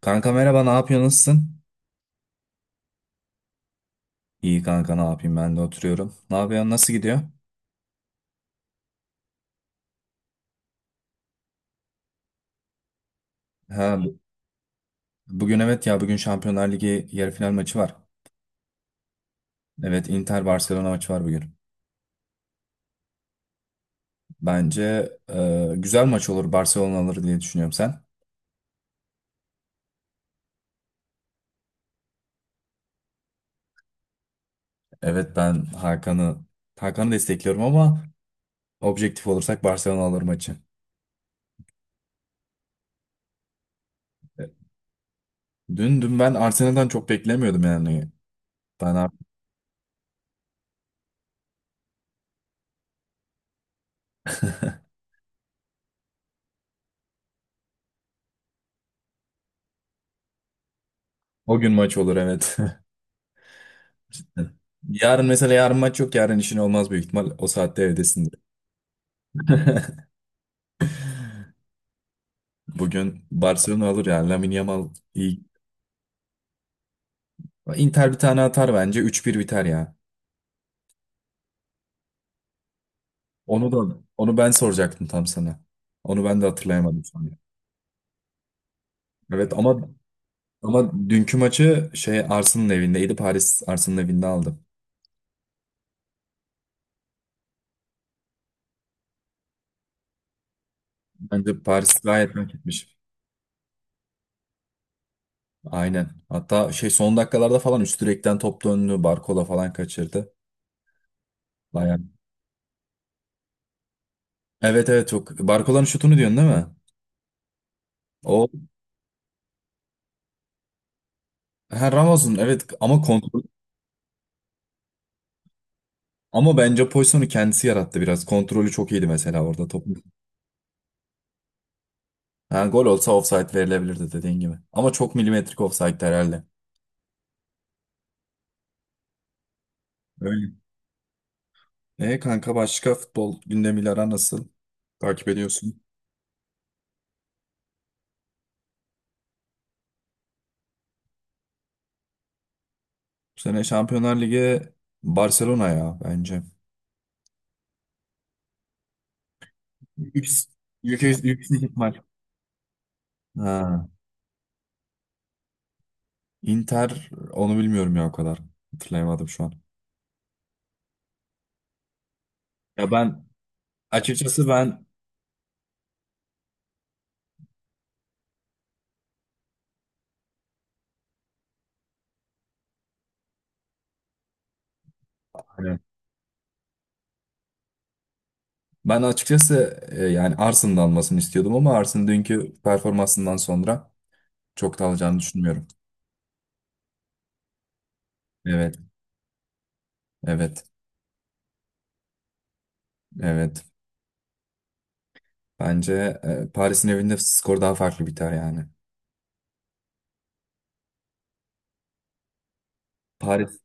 Kanka merhaba, ne yapıyorsun? Nasılsın? İyi kanka, ne yapayım? Ben de oturuyorum. Ne yapıyorsun? Nasıl gidiyor? Ha, bugün evet ya, bugün Şampiyonlar Ligi yarı final maçı var. Evet, Inter Barcelona maçı var bugün. Bence güzel maç olur, Barcelona alır diye düşünüyorum sen. Evet, ben Hakan'ı destekliyorum ama objektif olursak Barcelona alır maçı. E, dün ben Arsenal'dan çok beklemiyordum yani. Ben artık- O gün maç olur, evet. Yarın mesela yarın maç yok, yarın işin olmaz büyük ihtimal. O saatte evdesindir. Bugün Barcelona alır ya, Lamine Yamal iyi. Inter bir tane atar bence. 3-1 biter ya. Onu da onu ben soracaktım tam sana. Onu ben de hatırlayamadım evet. Ama dünkü maçı Arsenal'ın evindeydi. Paris Arsenal'ın evinde aldı. Bence Paris gayet hak etmiş. Aynen. Hatta son dakikalarda falan üst direkten top döndü. Barcola falan kaçırdı. Bayan. Evet, evet, çok. Barcola'nın şutunu diyorsun değil mi? O ha, Ramos'un, evet, ama kontrol. Ama bence pozisyonu kendisi yarattı biraz. Kontrolü çok iyiydi mesela orada topun. Ha, gol olsa offside verilebilirdi dediğin gibi. Ama çok milimetrik offside herhalde. Öyle. Kanka başka futbol gündemiyle aran nasıl? Takip ediyorsun. Bu sene Şampiyonlar Ligi Barcelona ya bence. Yüks- yüksek ihtimal. Ha. Inter onu bilmiyorum ya o kadar. Hatırlayamadım şu an. Ya ben açıkçası ben Ben açıkçası yani Arsen'ın da almasını istiyordum ama Arsen'ın dünkü performansından sonra çok da alacağını düşünmüyorum. Evet, evet, evet. Bence Paris'in evinde skor daha farklı biter yani. Paris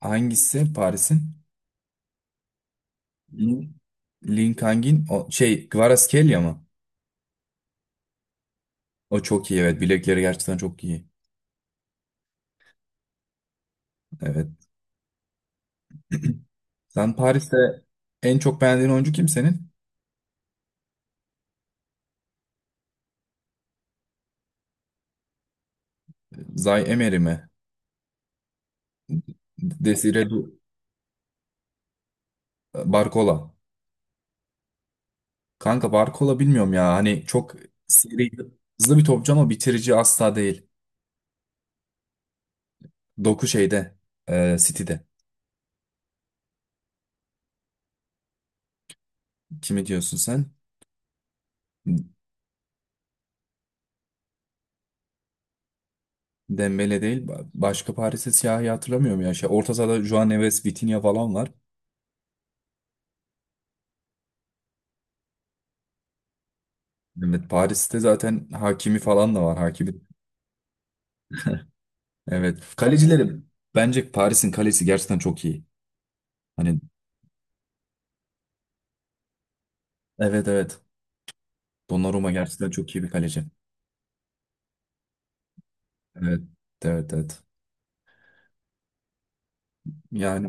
Hangisi Paris'in? Lin, Link hangin? O, şey Kvaratskhelia mı? O çok iyi, evet. Bilekleri gerçekten çok iyi. Evet. Sen Paris'te en çok beğendiğin oyuncu kim senin? Zay Emery mi? Desire Du- Barcola. Kanka Barkola bilmiyorum ya. Hani çok seri, hızlı bir topçu ama bitirici asla değil. Doku City'de. Kimi diyorsun sen? Dembele değil. Başka Paris'te siyahi hatırlamıyorum ya. Orta sahada Juan Neves, Vitinha falan var. Evet, Paris'te zaten Hakimi falan da var. Hakimi. Evet. Kalecilerim. Bence Paris'in kalesi gerçekten çok iyi. Hani, evet, evet. Donnarumma gerçekten çok iyi bir kaleci. Evet. Evet, evet. Yani.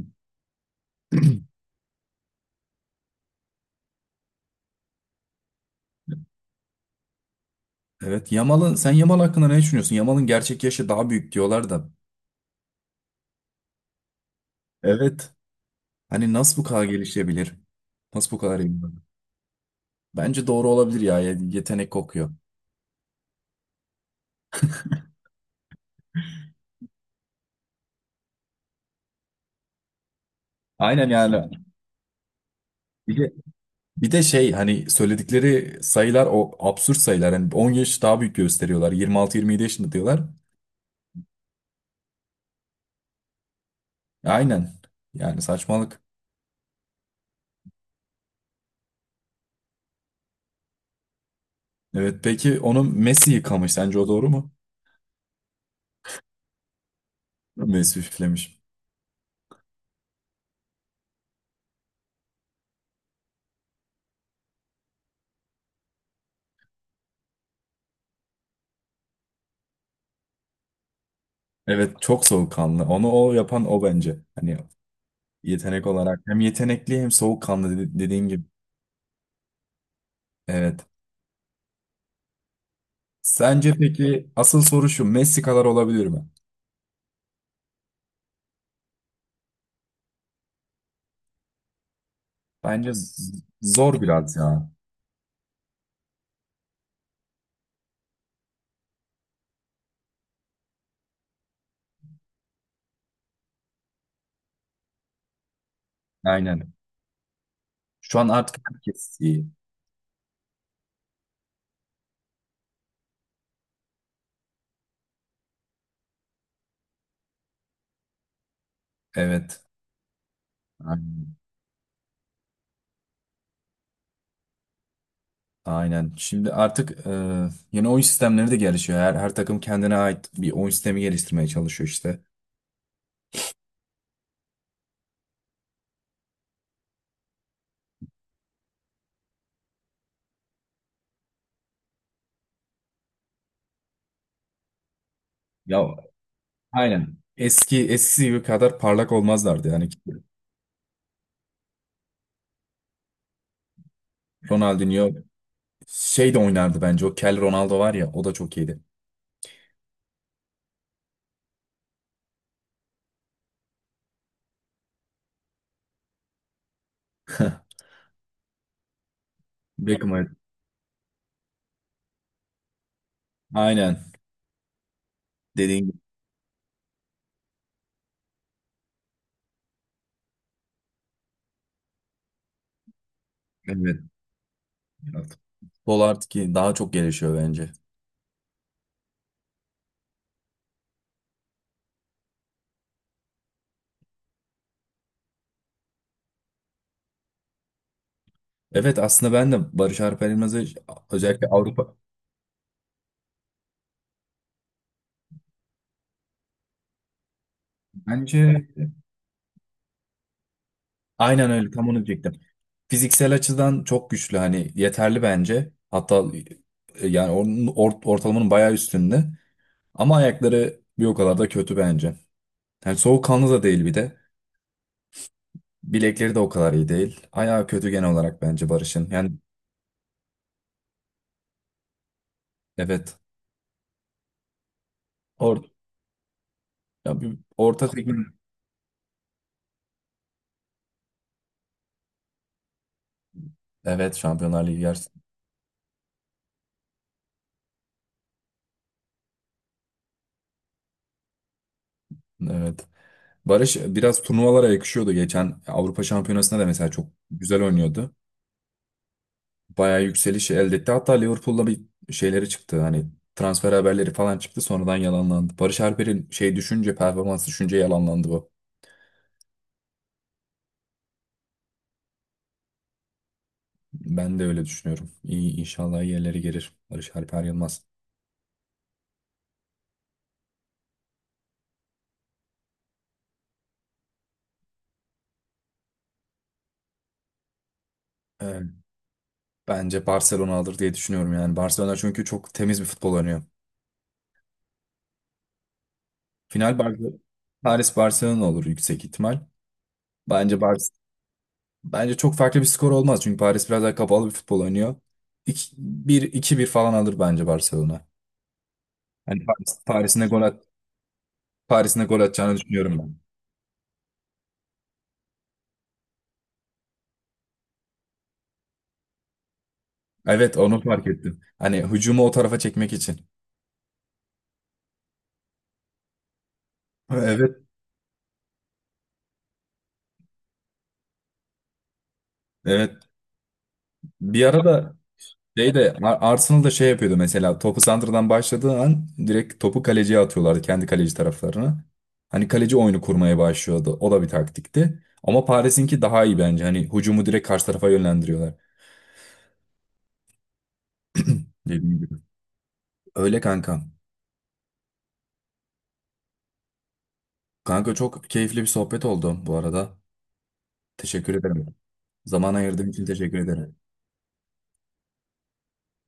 Evet. Sen Yamal hakkında ne düşünüyorsun? Yamal'ın gerçek yaşı daha büyük diyorlar da. Evet. Hani nasıl bu kadar gelişebilir? Nasıl bu kadar iyi? Bence doğru olabilir ya. Yetenek kokuyor. Aynen yani. Bir de, bir de hani söyledikleri sayılar o absürt sayılar. Hani 10 yaş daha büyük gösteriyorlar. 26-27 yaşında diyorlar. Aynen. Yani saçmalık. Evet, peki onu Messi yıkamış. Sence o doğru mu? Messi üflemiş. Evet, çok soğukkanlı. Onu o yapan o bence. Hani yetenek olarak hem yetenekli hem soğukkanlı, dediğin gibi. Evet. Sence peki asıl soru şu, Messi kadar olabilir mi? Bence zor biraz ya. Aynen. Şu an artık herkes iyi. Evet. Aynen. Aynen. Şimdi artık yeni oyun sistemleri de gelişiyor. Her takım kendine ait bir oyun sistemi geliştirmeye çalışıyor işte. Ya, aynen. Eski eskisi gibi kadar parlak olmazlardı yani. Ronaldinho şey de oynardı bence. O Kel Ronaldo var ya, o da çok iyiydi. Beckham. Aynen. Dediğin gibi. Evet. Evet. Futbol artık ki daha çok gelişiyor bence. Evet, aslında ben de Barış Alper Yılmaz'ı özellikle Avrupa bence aynen öyle tam onu diyecektim. Fiziksel açıdan çok güçlü, hani yeterli bence. Hatta yani onun ortalamanın bayağı üstünde. Ama ayakları bir o kadar da kötü bence. Yani soğukkanlı da değil bir de. Bilekleri de o kadar iyi değil. Ayağı kötü genel olarak bence Barış'ın. Yani evet. Or Ya bir orta segment. Evet, Şampiyonlar Ligi yarısı. Evet. Barış biraz turnuvalara yakışıyordu. Geçen Avrupa Şampiyonası'nda da mesela çok güzel oynuyordu. Bayağı yükselişi elde etti. Hatta Liverpool'la bir şeyleri çıktı. Hani transfer haberleri falan çıktı. Sonradan yalanlandı. Barış Alper'in şey düşünce, performans düşünce yalanlandı bu. Ben de öyle düşünüyorum. İyi, inşallah iyi gelir Barış Alper Yılmaz. Ee, bence Barcelona alır diye düşünüyorum yani. Barcelona çünkü çok temiz bir futbol oynuyor. Final Bar Paris Barcelona olur yüksek ihtimal. Bence Bar- Bence çok farklı bir skor olmaz çünkü Paris biraz daha kapalı bir futbol oynuyor. Bir iki bir falan alır bence Barcelona. Paris'in de Paris'in de gol atacağını düşünüyorum ben. Evet, onu fark ettim. Hani hücumu o tarafa çekmek için. Evet. Evet. Bir ara da Arsenal da şey yapıyordu mesela topu santradan başladığı an direkt topu kaleciye atıyorlardı kendi kaleci taraflarına. Hani kaleci oyunu kurmaya başlıyordu. O da bir taktikti. Ama Paris'inki daha iyi bence. Hani hücumu direkt karşı tarafa yönlendiriyorlar. Dediğim gibi. Öyle kanka. Kanka, çok keyifli bir sohbet oldu bu arada. Teşekkür ederim. Zaman ayırdığın için teşekkür ederim.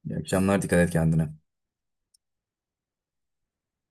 İyi akşamlar, dikkat et kendine.